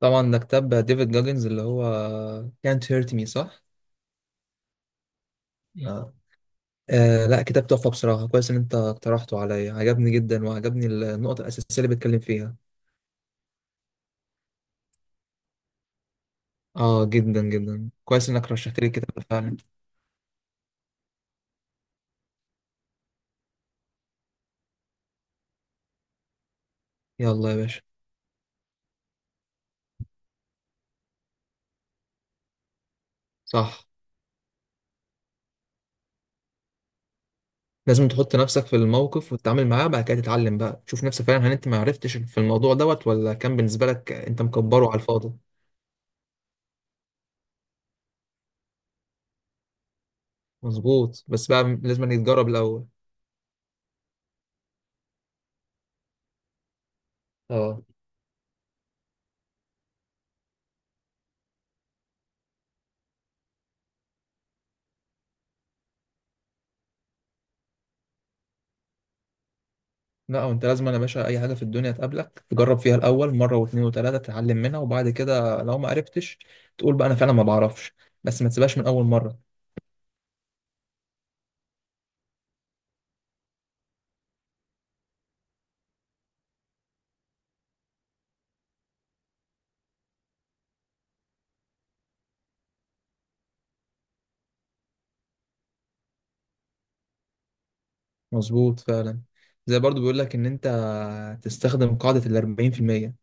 طبعا ده كتاب ديفيد جاجنز اللي هو Can't Hurt Me صح؟ آه. آه، لا كتاب تحفة بصراحة. كويس إن أنت اقترحته عليا، عجبني جدا وعجبني النقطة الأساسية اللي بيتكلم فيها. آه، جدا جدا كويس إنك رشحت لي الكتاب ده فعلا. يلا يا باشا. صح. لازم تحط نفسك في الموقف وتتعامل معاه، بعد كده تتعلم بقى، تشوف نفسك فعلا هل أنت ما عرفتش في الموضوع دوت، ولا كان بالنسبة لك أنت مكبره على الفاضي. مظبوط، بس بقى لازم إنك تجرب الأول. اه، لا وانت لازم، انا باشا اي حاجه في الدنيا تقابلك تجرب فيها الاول مره واثنين وثلاثه، تتعلم منها وبعد كده لو ما عرفتش تقول بقى انا فعلا ما بعرفش، بس ما تسيبهاش من اول مره. مظبوط فعلا. زي برضو بيقول لك ان انت تستخدم قاعده ال 40%.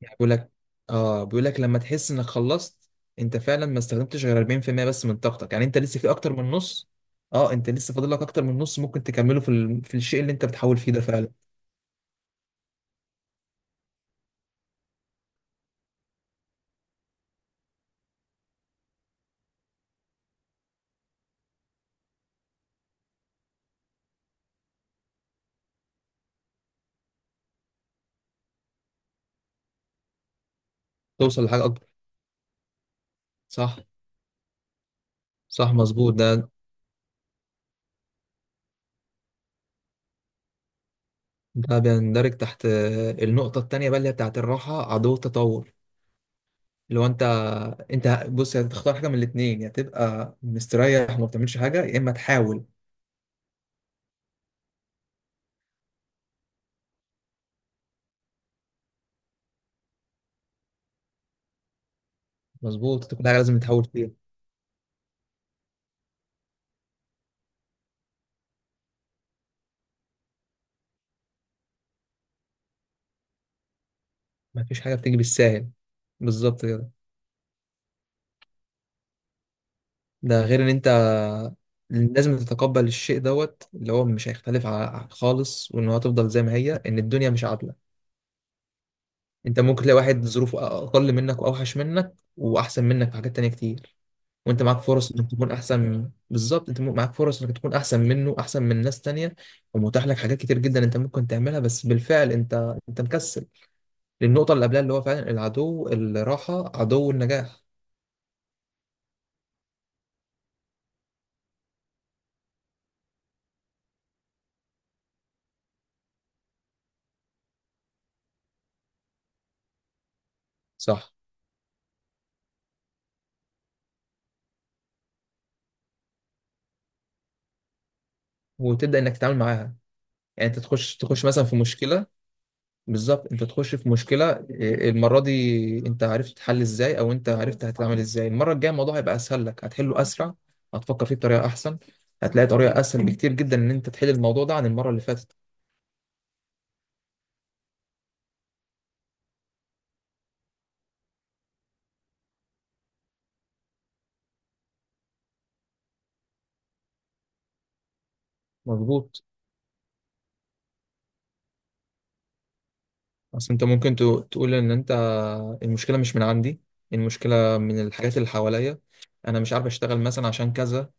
يعني بيقول لك لما تحس انك خلصت، انت فعلا ما استخدمتش غير 40% بس من طاقتك، يعني انت لسه في اكتر من نص. اه، انت لسه فاضل لك اكتر من نص، ممكن تكمله في الشيء اللي انت بتحاول فيه ده فعلا. توصل لحاجه اكبر. صح. صح، مظبوط. ده بيندرج تحت النقطة التانية بقى، اللي هي بتاعت الراحة عدو التطور. اللي هو انت بص هتختار حاجة من الاتنين، يا تبقى مستريح وما بتعملش حاجة، يا اما تحاول. مظبوط، كل حاجة لازم تحاول فيها. مفيش حاجة بتيجي بالساهل. بالظبط كده. ده غير ان انت لازم تتقبل الشيء دوت اللي هو مش هيختلف خالص، وان هو هتفضل زي ما هي، ان الدنيا مش عادلة. انت ممكن تلاقي واحد ظروفه اقل منك واوحش منك واحسن منك في حاجات تانية كتير. وانت معاك فرص انك تكون بالظبط، انت معاك فرص انك تكون احسن منه، احسن من ناس تانية. ومتاح لك حاجات كتير جدا، انت ممكن تعملها بس بالفعل انت مكسل. للنقطة اللي قبلها اللي هو فعلا، العدو الراحة عدو النجاح. صح. وتبدأ انك تتعامل معاها. يعني انت تخش مثلا في مشكلة. بالظبط، انت تخش في مشكلة إيه، المرة دي انت عرفت تحل ازاي، او انت عرفت هتتعامل ازاي المرة الجاية. الموضوع هيبقى اسهل لك، هتحله اسرع. هتفكر فيه بطريقة احسن. هتلاقي طريقة اسهل بكتير جدا ان انت تحل الموضوع ده عن المرة اللي فاتت. مظبوط. بس انت ممكن تقول ان انت. المشكله مش من عندي. المشكله من الحاجات اللي حواليا. انا مش عارف اشتغل مثلا عشان كذا.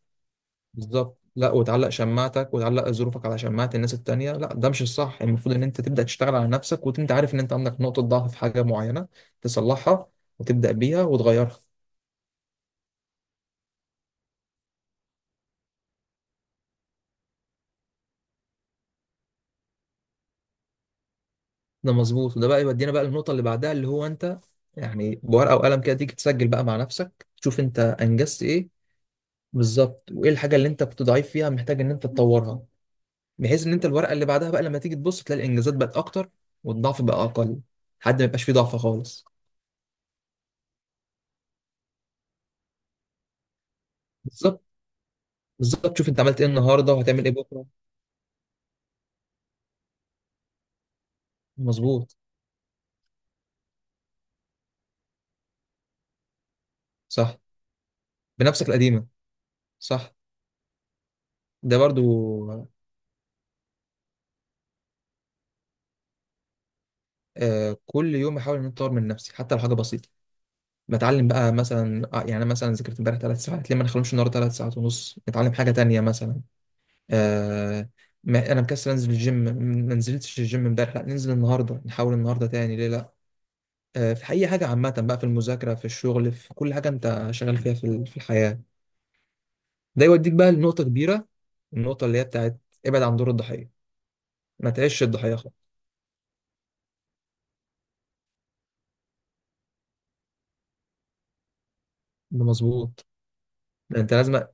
بالظبط، لا وتعلق شماعتك وتعلق ظروفك على شماعه الناس التانية. لا ده مش الصح، المفروض ان انت تبدا تشتغل على نفسك وانت عارف ان انت عندك نقطه ضعف في حاجه معينه. تصلحها. وتبدا بيها وتغيرها. ده مظبوط، وده بقى يودينا بقى للنقطه اللي بعدها اللي هو انت. يعني بورقه وقلم كده، تيجي تسجل بقى مع نفسك، تشوف انت انجزت ايه. بالظبط، وايه الحاجه اللي انت كنت ضعيف فيها محتاج ان انت تطورها. بحيث ان انت الورقه اللي بعدها بقى لما تيجي تبص تلاقي الانجازات بقت اكتر. والضعف بقى اقل. لحد ما يبقاش فيه ضعف خالص. بالظبط. بالظبط، شوف انت عملت ايه النهارده وهتعمل ايه بكره. مظبوط. صح. بنفسك القديمه. صح. ده برضو. آه، كل يوم احاول ان أنا اطور من نفسي حتى لو حاجه بسيطه. بتعلم بقى مثلا يعني أنا مثلا ذاكرت امبارح 3 ساعات، ليه ما نخلوش النهارده 3 ساعات ونص نتعلم حاجه تانيه مثلا. آه. ما انا مكسل انزل الجيم. ما نزلتش الجيم امبارح، لا ننزل النهارده نحاول النهارده تاني، ليه لا. آه، في اي حاجه عامه بقى، في المذاكره، في الشغل، في كل حاجه انت شغال فيها، في الحياه. ده يوديك بقى لنقطه كبيره. النقطه اللي هي بتاعت ابعد عن دور الضحيه. ما تعيش الضحيه خالص. ده مظبوط. ده انت لازم.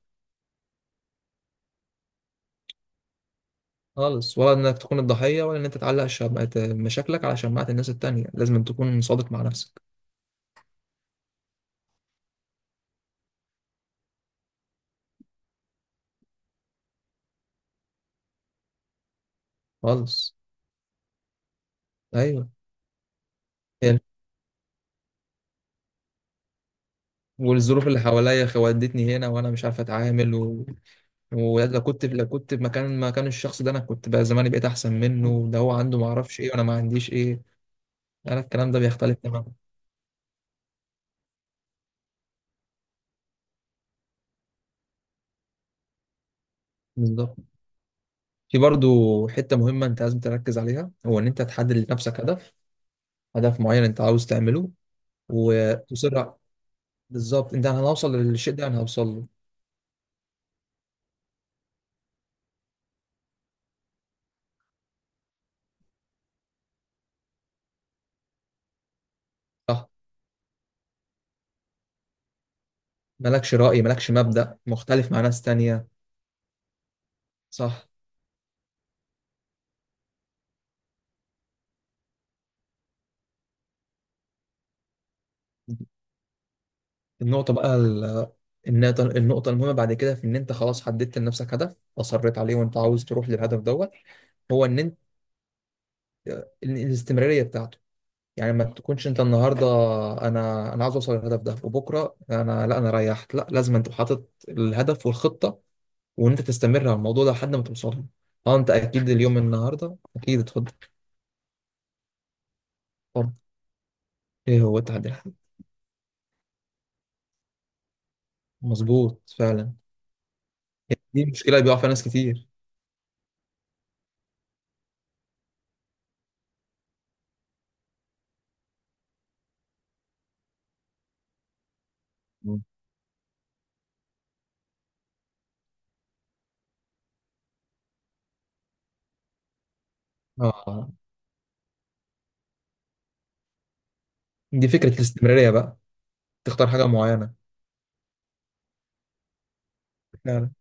خالص، ولا انك تكون الضحيه ولا ان انت تعلق شمعة مشاكلك على شماعه الناس التانيه، لازم تكون صادق مع نفسك. خالص. ايوه. يعني، والظروف اللي حواليا ودتني هنا وانا مش عارف اتعامل. ولو كنت لو كنت في مكان الشخص ده، انا كنت بقى زماني بقيت احسن منه. ده هو عنده ما اعرفش ايه وانا ما عنديش ايه. انا الكلام ده بيختلف تماما. بالظبط. في برضو حتة مهمة انت لازم تركز عليها، هو ان انت تحدد لنفسك هدف. هدف معين انت عاوز تعمله. وتصر. بالظبط، انت انا هوصل للشيء ده، انا هوصل له. صح. مالكش رأي، مالكش مبدأ مختلف مع ناس تانية. صح. النقطة بقى ال- النقطة المهمة بعد كده، في إن أنت خلاص حددت لنفسك هدف أصريت عليه وأنت عاوز تروح للهدف دوت. هو إن أنت الاستمرارية بتاعته. يعني ما تكونش أنت النهاردة أنا عاوز أوصل للهدف ده، وبكرة أنا لا، أنا ريحت، لا لازم أنت حاطط الهدف والخطة. وإن أنت تستمر على الموضوع ده لحد ما توصل له. أه، أنت أكيد اليوم النهاردة أكيد اتفضل. اتفضل. إيه هو التحدي الحقيقي؟ مظبوط فعلا. دي مشكلة بيقع فيها ناس كتير. مم. آه. دي فكرة الاستمرارية بقى. تختار حاجة معينة. فعلا.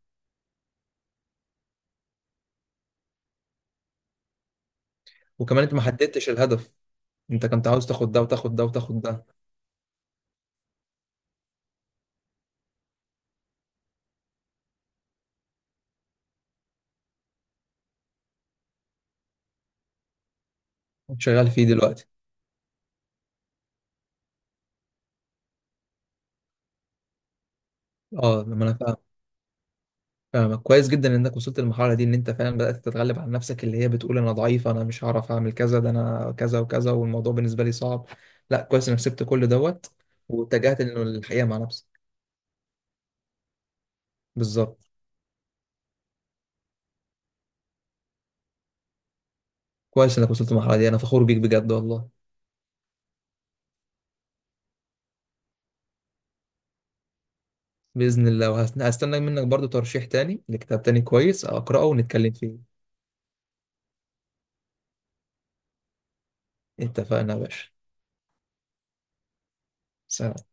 وكمان انت ما حددتش الهدف. انت كنت عاوز تاخد ده وتاخد ده وتاخد ده. شغال فيه دلوقتي. اه، لما انا فاهم. فاهمك كويس جدا، انك وصلت للمرحلة دي ان انت فعلا بدأت تتغلب على نفسك اللي هي بتقول انا ضعيف، انا مش هعرف اعمل كذا، ده انا كذا وكذا والموضوع بالنسبة لي صعب. لا، كويس انك سبت كل دوت. واتجهت انه الحقيقة مع نفسك. بالظبط. كويس انك وصلت للمرحلة دي، انا فخور بيك بجد والله. بإذن الله، وهستنى منك برضو ترشيح تاني لكتاب تاني كويس أقرأه ونتكلم فيه. اتفقنا يا باشا. سلام.